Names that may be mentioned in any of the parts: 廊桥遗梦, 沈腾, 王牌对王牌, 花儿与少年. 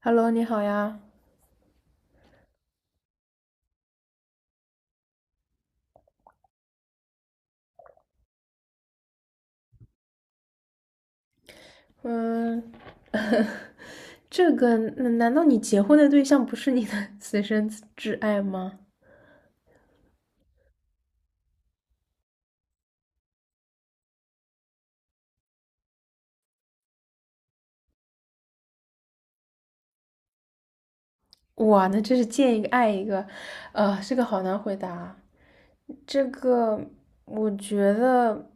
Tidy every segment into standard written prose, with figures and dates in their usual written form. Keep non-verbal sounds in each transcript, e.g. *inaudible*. Hello，你好呀。嗯，难道你结婚的对象不是你的 *laughs* 此生挚爱吗？哇，那真是见一个爱一个，这个好难回答啊。这个我觉得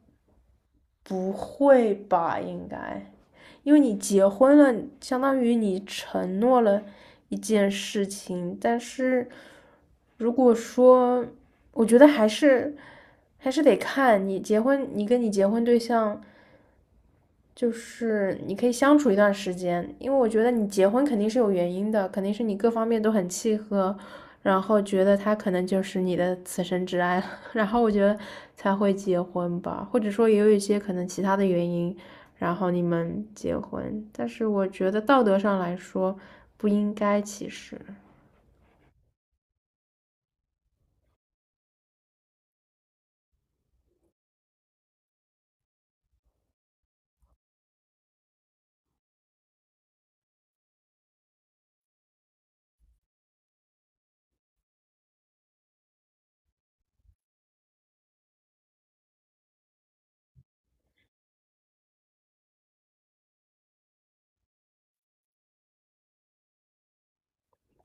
不会吧，应该，因为你结婚了，相当于你承诺了一件事情。但是如果说，我觉得还是得看你结婚，你跟你结婚对象。就是你可以相处一段时间，因为我觉得你结婚肯定是有原因的，肯定是你各方面都很契合，然后觉得他可能就是你的此生挚爱了。 *laughs* 然后我觉得才会结婚吧，或者说也有一些可能其他的原因，然后你们结婚，但是我觉得道德上来说不应该其实。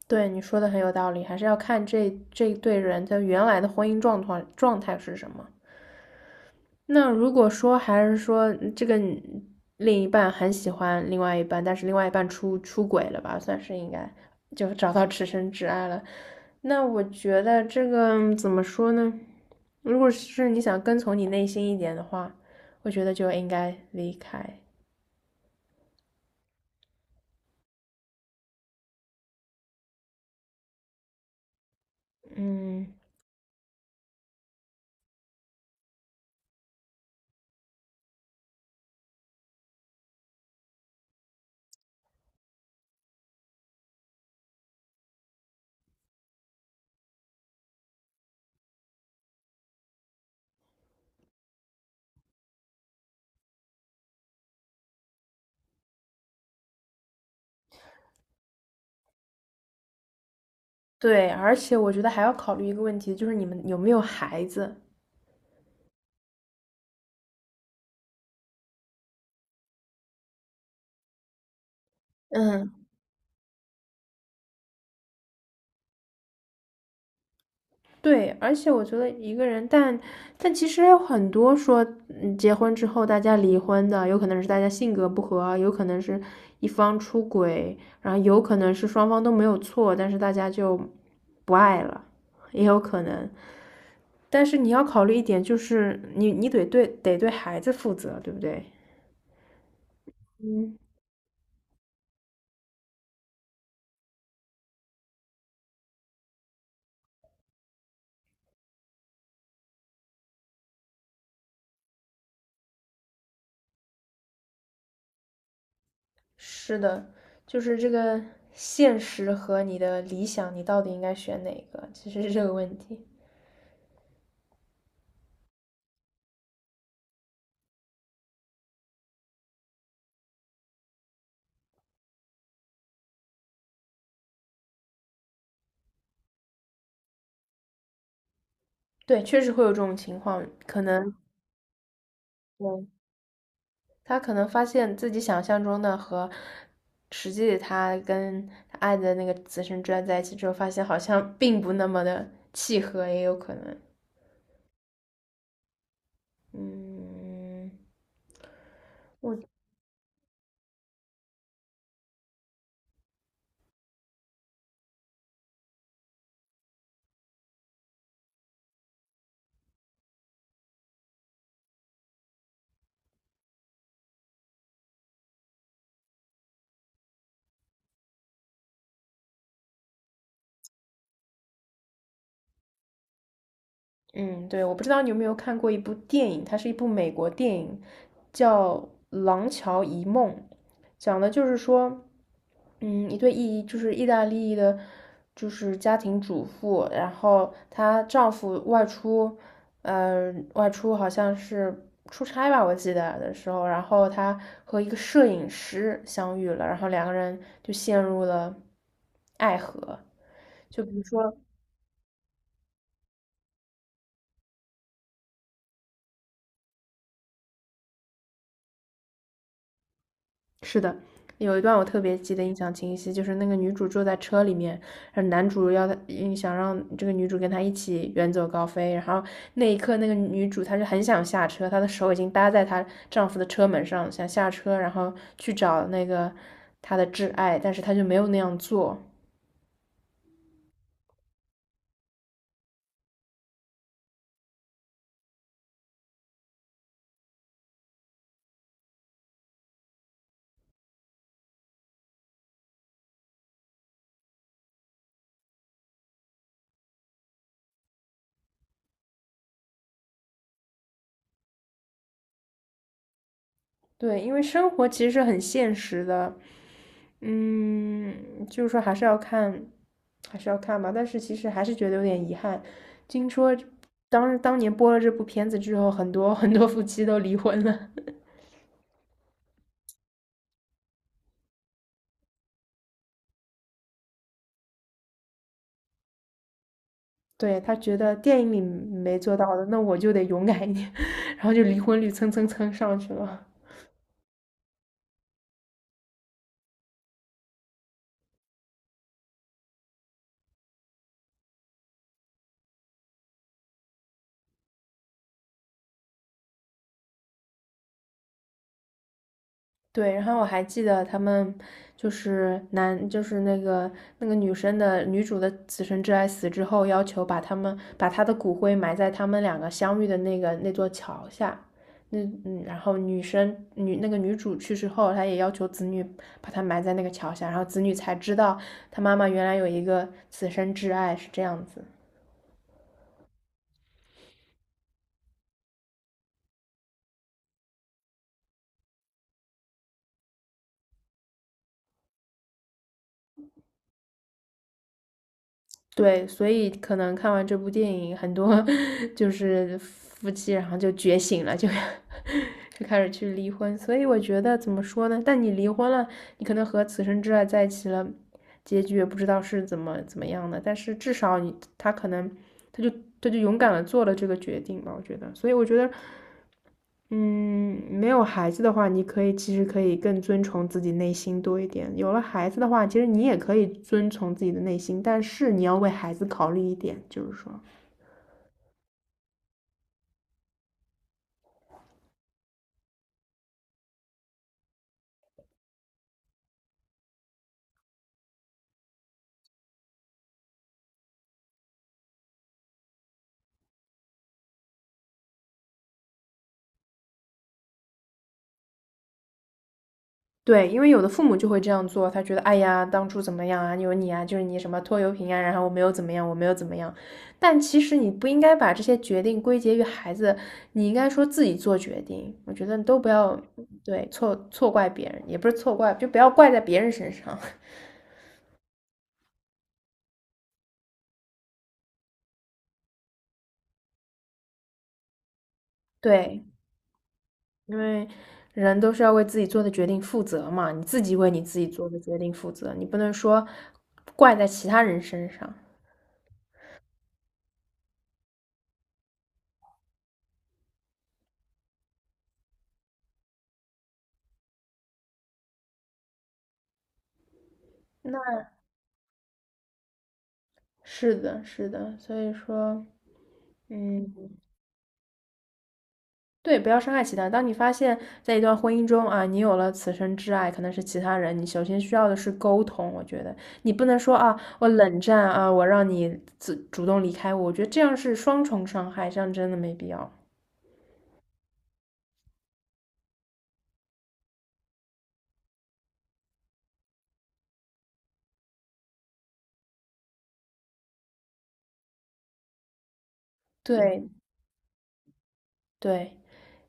对，你说的很有道理，还是要看这对人的原来的婚姻状态是什么。那如果说还是说这个另一半很喜欢另外一半，但是另外一半出轨了吧，算是应该就找到此生挚爱了。那我觉得这个怎么说呢？如果是你想跟从你内心一点的话，我觉得就应该离开。嗯，对，而且我觉得还要考虑一个问题，就是你们有没有孩子？嗯，对，而且我觉得一个人，但其实还有很多说，结婚之后大家离婚的，有可能是大家性格不合，有可能是一方出轨，然后有可能是双方都没有错，但是大家就不爱了，也有可能。但是你要考虑一点，就是你得对孩子负责，对不对？是的，就是这个现实和你的理想，你到底应该选哪个？其实是这个问题。对，确实会有这种情况，可能。对，他可能发现自己想象中的和实际的，他跟他爱的那个紫生之爱在一起之后，发现好像并不那么的契合，也有可能。嗯。嗯，对，我不知道你有没有看过一部电影，它是一部美国电影，叫《廊桥遗梦》，讲的就是说，一对意就是意大利的，就是家庭主妇，然后她丈夫外出，外出好像是出差吧，我记得的时候，然后她和一个摄影师相遇了，然后两个人就陷入了爱河，就比如说。是的，有一段我特别记得印象清晰，就是那个女主坐在车里面，然后男主要她想让这个女主跟他一起远走高飞，然后那一刻那个女主她就很想下车，她的手已经搭在她丈夫的车门上，想下车然后去找那个她的挚爱，但是她就没有那样做。对，因为生活其实是很现实的，嗯，就是说还是要看，还是要看吧。但是其实还是觉得有点遗憾。听说当年播了这部片子之后，很多 *laughs* 很多夫妻都离婚了。*laughs* 对，他觉得电影里没做到的，那我就得勇敢一点，*laughs* 然后就离婚率蹭蹭蹭上去了。对，然后我还记得他们就是男，就是那个那个女生的女主的此生挚爱死之后，要求把他们把她的骨灰埋在他们两个相遇的那个那座桥下。那嗯，然后女生女那个女主去世后，她也要求子女把她埋在那个桥下，然后子女才知道她妈妈原来有一个此生挚爱是这样子。对，所以可能看完这部电影，很多 *laughs* 就是夫妻，然后就觉醒了，就 *laughs* 就开始去离婚。所以我觉得怎么说呢？但你离婚了，你可能和此生挚爱在一起了，结局也不知道是怎么样的。但是至少你他可能他就他就勇敢的做了这个决定吧，我觉得。所以我觉得，嗯，没有孩子的话，你可以其实可以更遵从自己内心多一点。有了孩子的话，其实你也可以遵从自己的内心，但是你要为孩子考虑一点，就是说，对，因为有的父母就会这样做，他觉得，哎呀，当初怎么样啊，有你啊，就是你什么拖油瓶啊，然后我没有怎么样，我没有怎么样。但其实你不应该把这些决定归结于孩子，你应该说自己做决定。我觉得都不要，对，错怪别人，也不是错怪，就不要怪在别人身上。*laughs* 对，因为人都是要为自己做的决定负责嘛，你自己为你自己做的决定负责，你不能说怪在其他人身上。那是的，是的，所以说，嗯，对，不要伤害其他人。当你发现在一段婚姻中啊，你有了此生挚爱，可能是其他人，你首先需要的是沟通。我觉得你不能说啊，我冷战啊，我让你自主动离开我，我觉得这样是双重伤害，这样真的没必要。对，对。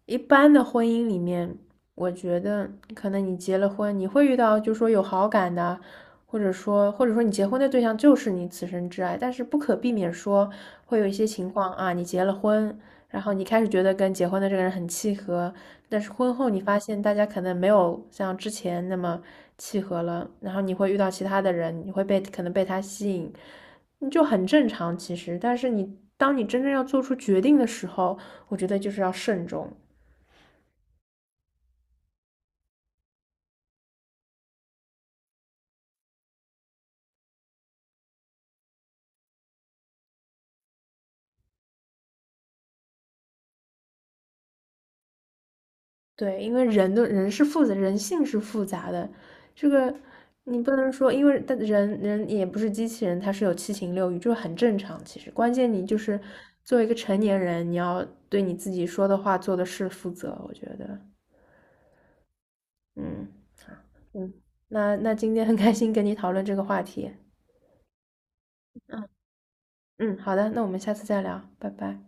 一般的婚姻里面，我觉得可能你结了婚，你会遇到就是说有好感的，或者说你结婚的对象就是你此生挚爱，但是不可避免说会有一些情况啊，你结了婚，然后你开始觉得跟结婚的这个人很契合，但是婚后你发现大家可能没有像之前那么契合了，然后你会遇到其他的人，你会被可能被他吸引，你就很正常其实，但是你当你真正要做出决定的时候，我觉得就是要慎重。对，因为人的人是复杂，人性是复杂的，这个你不能说，因为但人也不是机器人，他是有七情六欲，这很正常。其实关键你就是作为一个成年人，你要对你自己说的话、做的事负责。我觉得，嗯，好，嗯，那那今天很开心跟你讨论这个话题。嗯。嗯，好的，那我们下次再聊，拜拜。